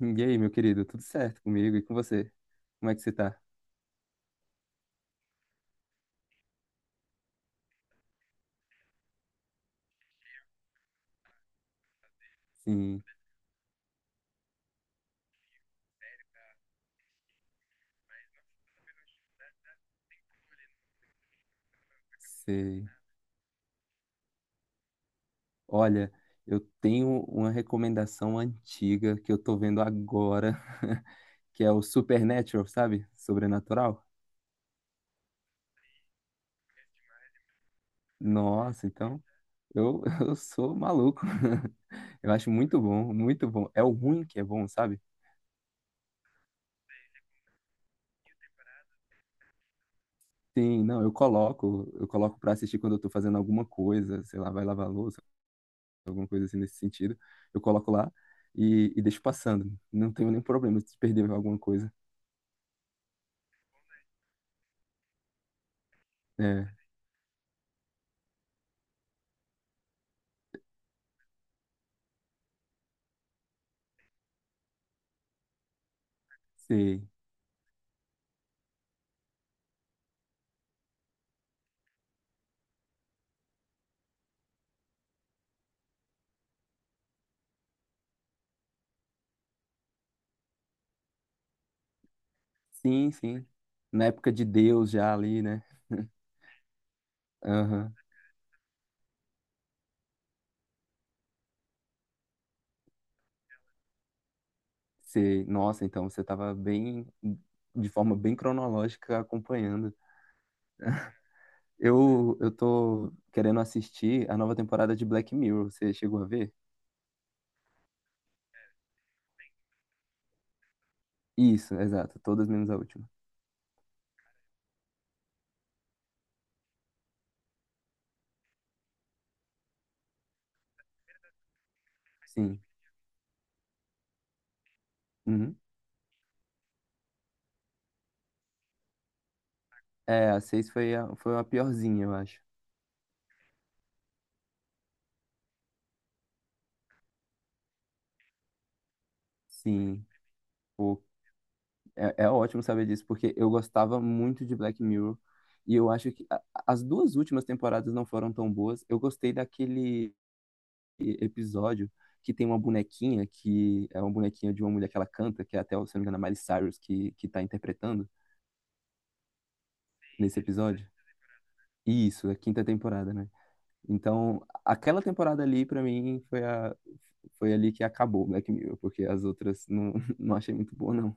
E aí, meu querido, tudo certo comigo e com você? Como é que você tá? Sim, sei. Olha, eu tenho uma recomendação antiga que eu tô vendo agora, que é o Supernatural, sabe? Sobrenatural. Nossa, então eu sou maluco. Eu acho muito bom, muito bom. É o ruim que é bom, sabe? Sim, não, eu coloco pra assistir quando eu tô fazendo alguma coisa, sei lá, vai lavar a louça, alguma coisa assim nesse sentido, eu coloco lá e deixo passando. Não tenho nenhum problema se perder alguma coisa. É, sei. Sim, sim. Na época de Deus já ali, né? Aham. Sei. Nossa, então você tava bem, de forma bem cronológica acompanhando. Eu tô querendo assistir a nova temporada de Black Mirror. Você chegou a ver? Isso, exato. Todas menos a última. Sim. Uhum. É, a seis foi foi a piorzinha, eu acho. Sim. Pô, É, é ótimo saber disso, porque eu gostava muito de Black Mirror. E eu acho que as duas últimas temporadas não foram tão boas. Eu gostei daquele episódio que tem uma bonequinha, que é uma bonequinha de uma mulher que ela canta, que é até, se não me engano, a Miley Cyrus que tá interpretando nesse episódio. Isso, a quinta temporada, né? Então, aquela temporada ali, pra mim, foi ali que acabou Black Mirror, porque as outras não, não achei muito boa, não.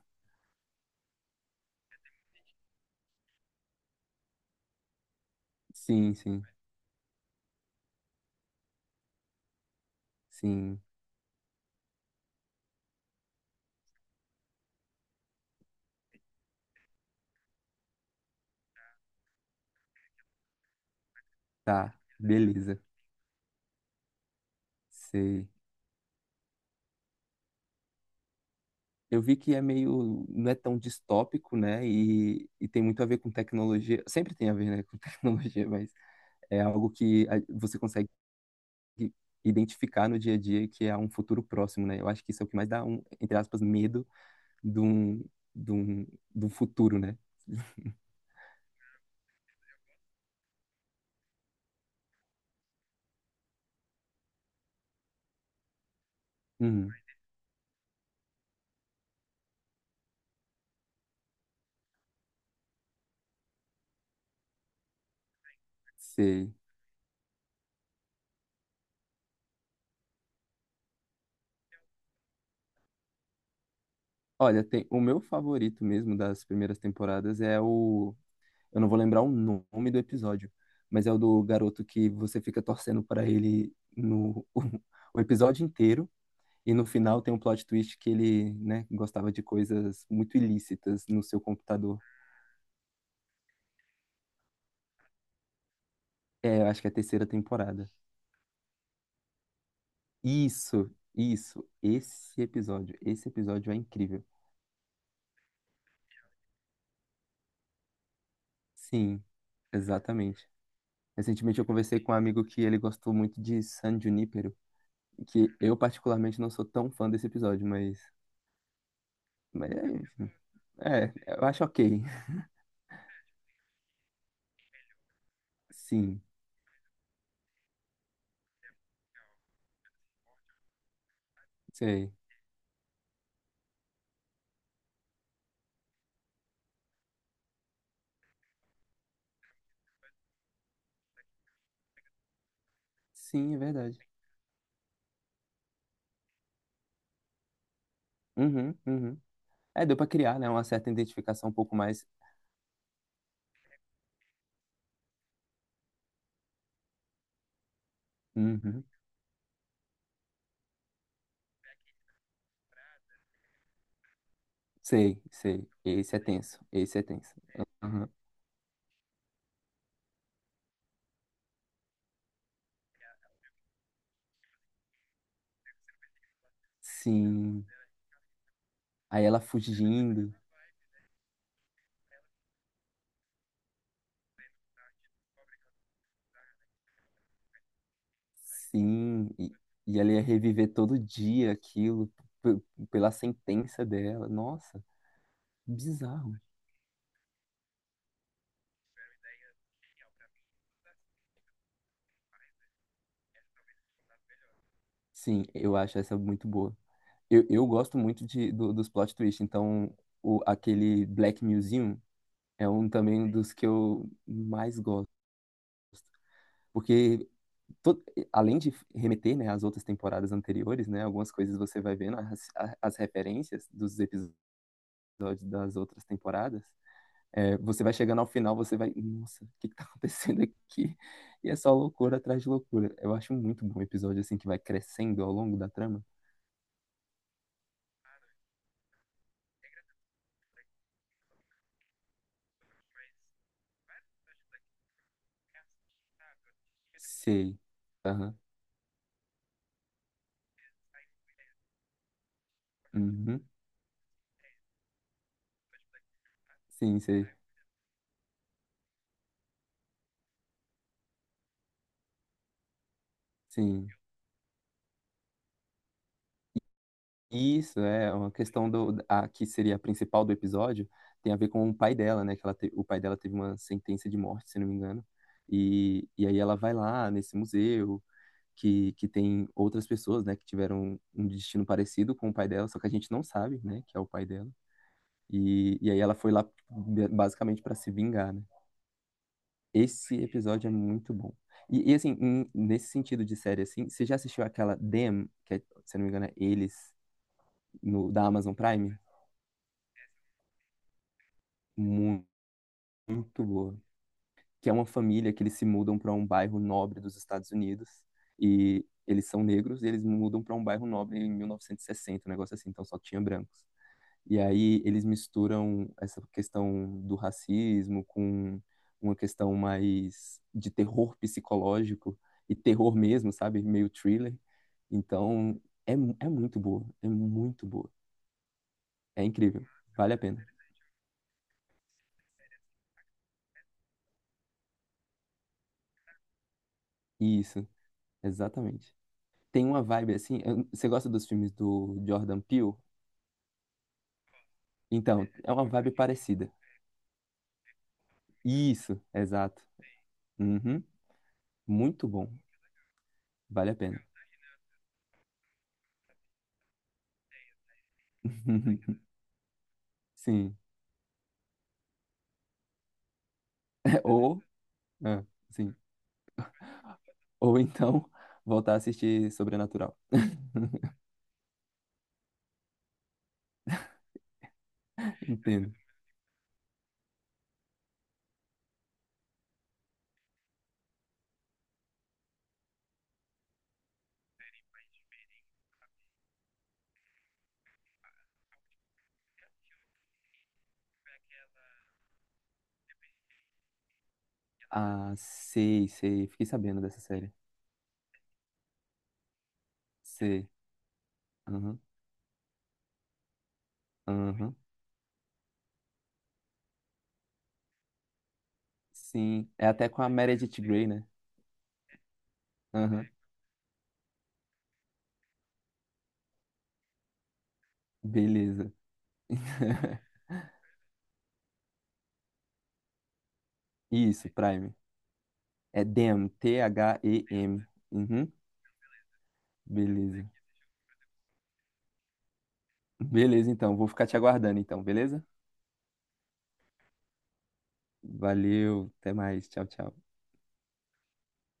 Sim, sim, sim. Tá, beleza. Sei. Eu vi que é meio, não é tão distópico, né? E tem muito a ver com tecnologia. Sempre tem a ver, né, com tecnologia, mas é algo que você consegue identificar no dia a dia que é um futuro próximo, né? Eu acho que isso é o que mais dá um, entre aspas, medo de um, de um, de um futuro, né? Hum, sei. Olha, tem, o meu favorito mesmo das primeiras temporadas é eu não vou lembrar o nome do episódio, mas é o do garoto que você fica torcendo para ele no o episódio inteiro. E no final tem um plot twist que ele, né, gostava de coisas muito ilícitas no seu computador. É, eu acho que é a terceira temporada. Isso, isso, esse episódio é incrível. Sim, exatamente. Recentemente eu conversei com um amigo que ele gostou muito de San Junipero, que eu particularmente não sou tão fã desse episódio, mas, mas é, eu acho ok. Sim, sei. Sim, é verdade. Uhum. É, deu pra criar, né, uma certa identificação um pouco mais. Uhum. Sei. Esse é tenso. Esse é tenso. Aham. Sim. Aí ela fugindo. Sim. E ela ia reviver todo dia aquilo p- pela sentença dela. Nossa, bizarro. Sim, eu acho essa muito boa. Eu gosto muito dos plot twists. Então, aquele Black Museum é um também dos que eu mais gosto. Porque to- além de remeter, né, às outras temporadas anteriores, né, algumas coisas você vai vendo as referências dos episódios das outras temporadas. É, você vai chegando ao final, você vai, nossa, o que que tá acontecendo aqui? E é só loucura atrás de loucura. Eu acho muito bom o episódio assim que vai crescendo ao longo da trama. Sei. Aham. Uhum. Sim, sei. Sim. Isso, é uma questão do a, que seria a principal do episódio, tem a ver com o pai dela, né? Que ela o pai dela teve uma sentença de morte, se não me engano. E aí ela vai lá nesse museu que tem outras pessoas, né? Que tiveram um destino parecido com o pai dela, só que a gente não sabe, né? Que é o pai dela. E aí ela foi lá basicamente para se vingar, né? Esse episódio é muito bom. E assim, nesse sentido de série, assim, você já assistiu aquela Them, que é, se não me engano é Eles, no, da Amazon Prime? Muito boa. Que é uma família que eles se mudam para um bairro nobre dos Estados Unidos e eles são negros e eles mudam para um bairro nobre em 1960, um negócio assim, então só tinha brancos. E aí eles misturam essa questão do racismo com uma questão mais de terror psicológico e terror mesmo, sabe? Meio thriller. Então é, é muito boa, é muito boa. É incrível, vale a pena. Isso, exatamente. Tem uma vibe assim. Você gosta dos filmes do Jordan Peele? Então, é uma vibe parecida. Isso, exato. Uhum. Muito bom. Vale a pena. Sim. Ou, ah, sim. Ou então, voltar a assistir Sobrenatural. Entendo. Ah, sei, sei. Fiquei sabendo dessa série. Sei. Aham, aham. Sim. É até com a Meredith Grey, né? Aham. Beleza. Isso, Prime. É Them, THEM. Uhum. Beleza. Beleza, então. Vou ficar te aguardando, então, beleza? Valeu, até mais. Tchau, tchau.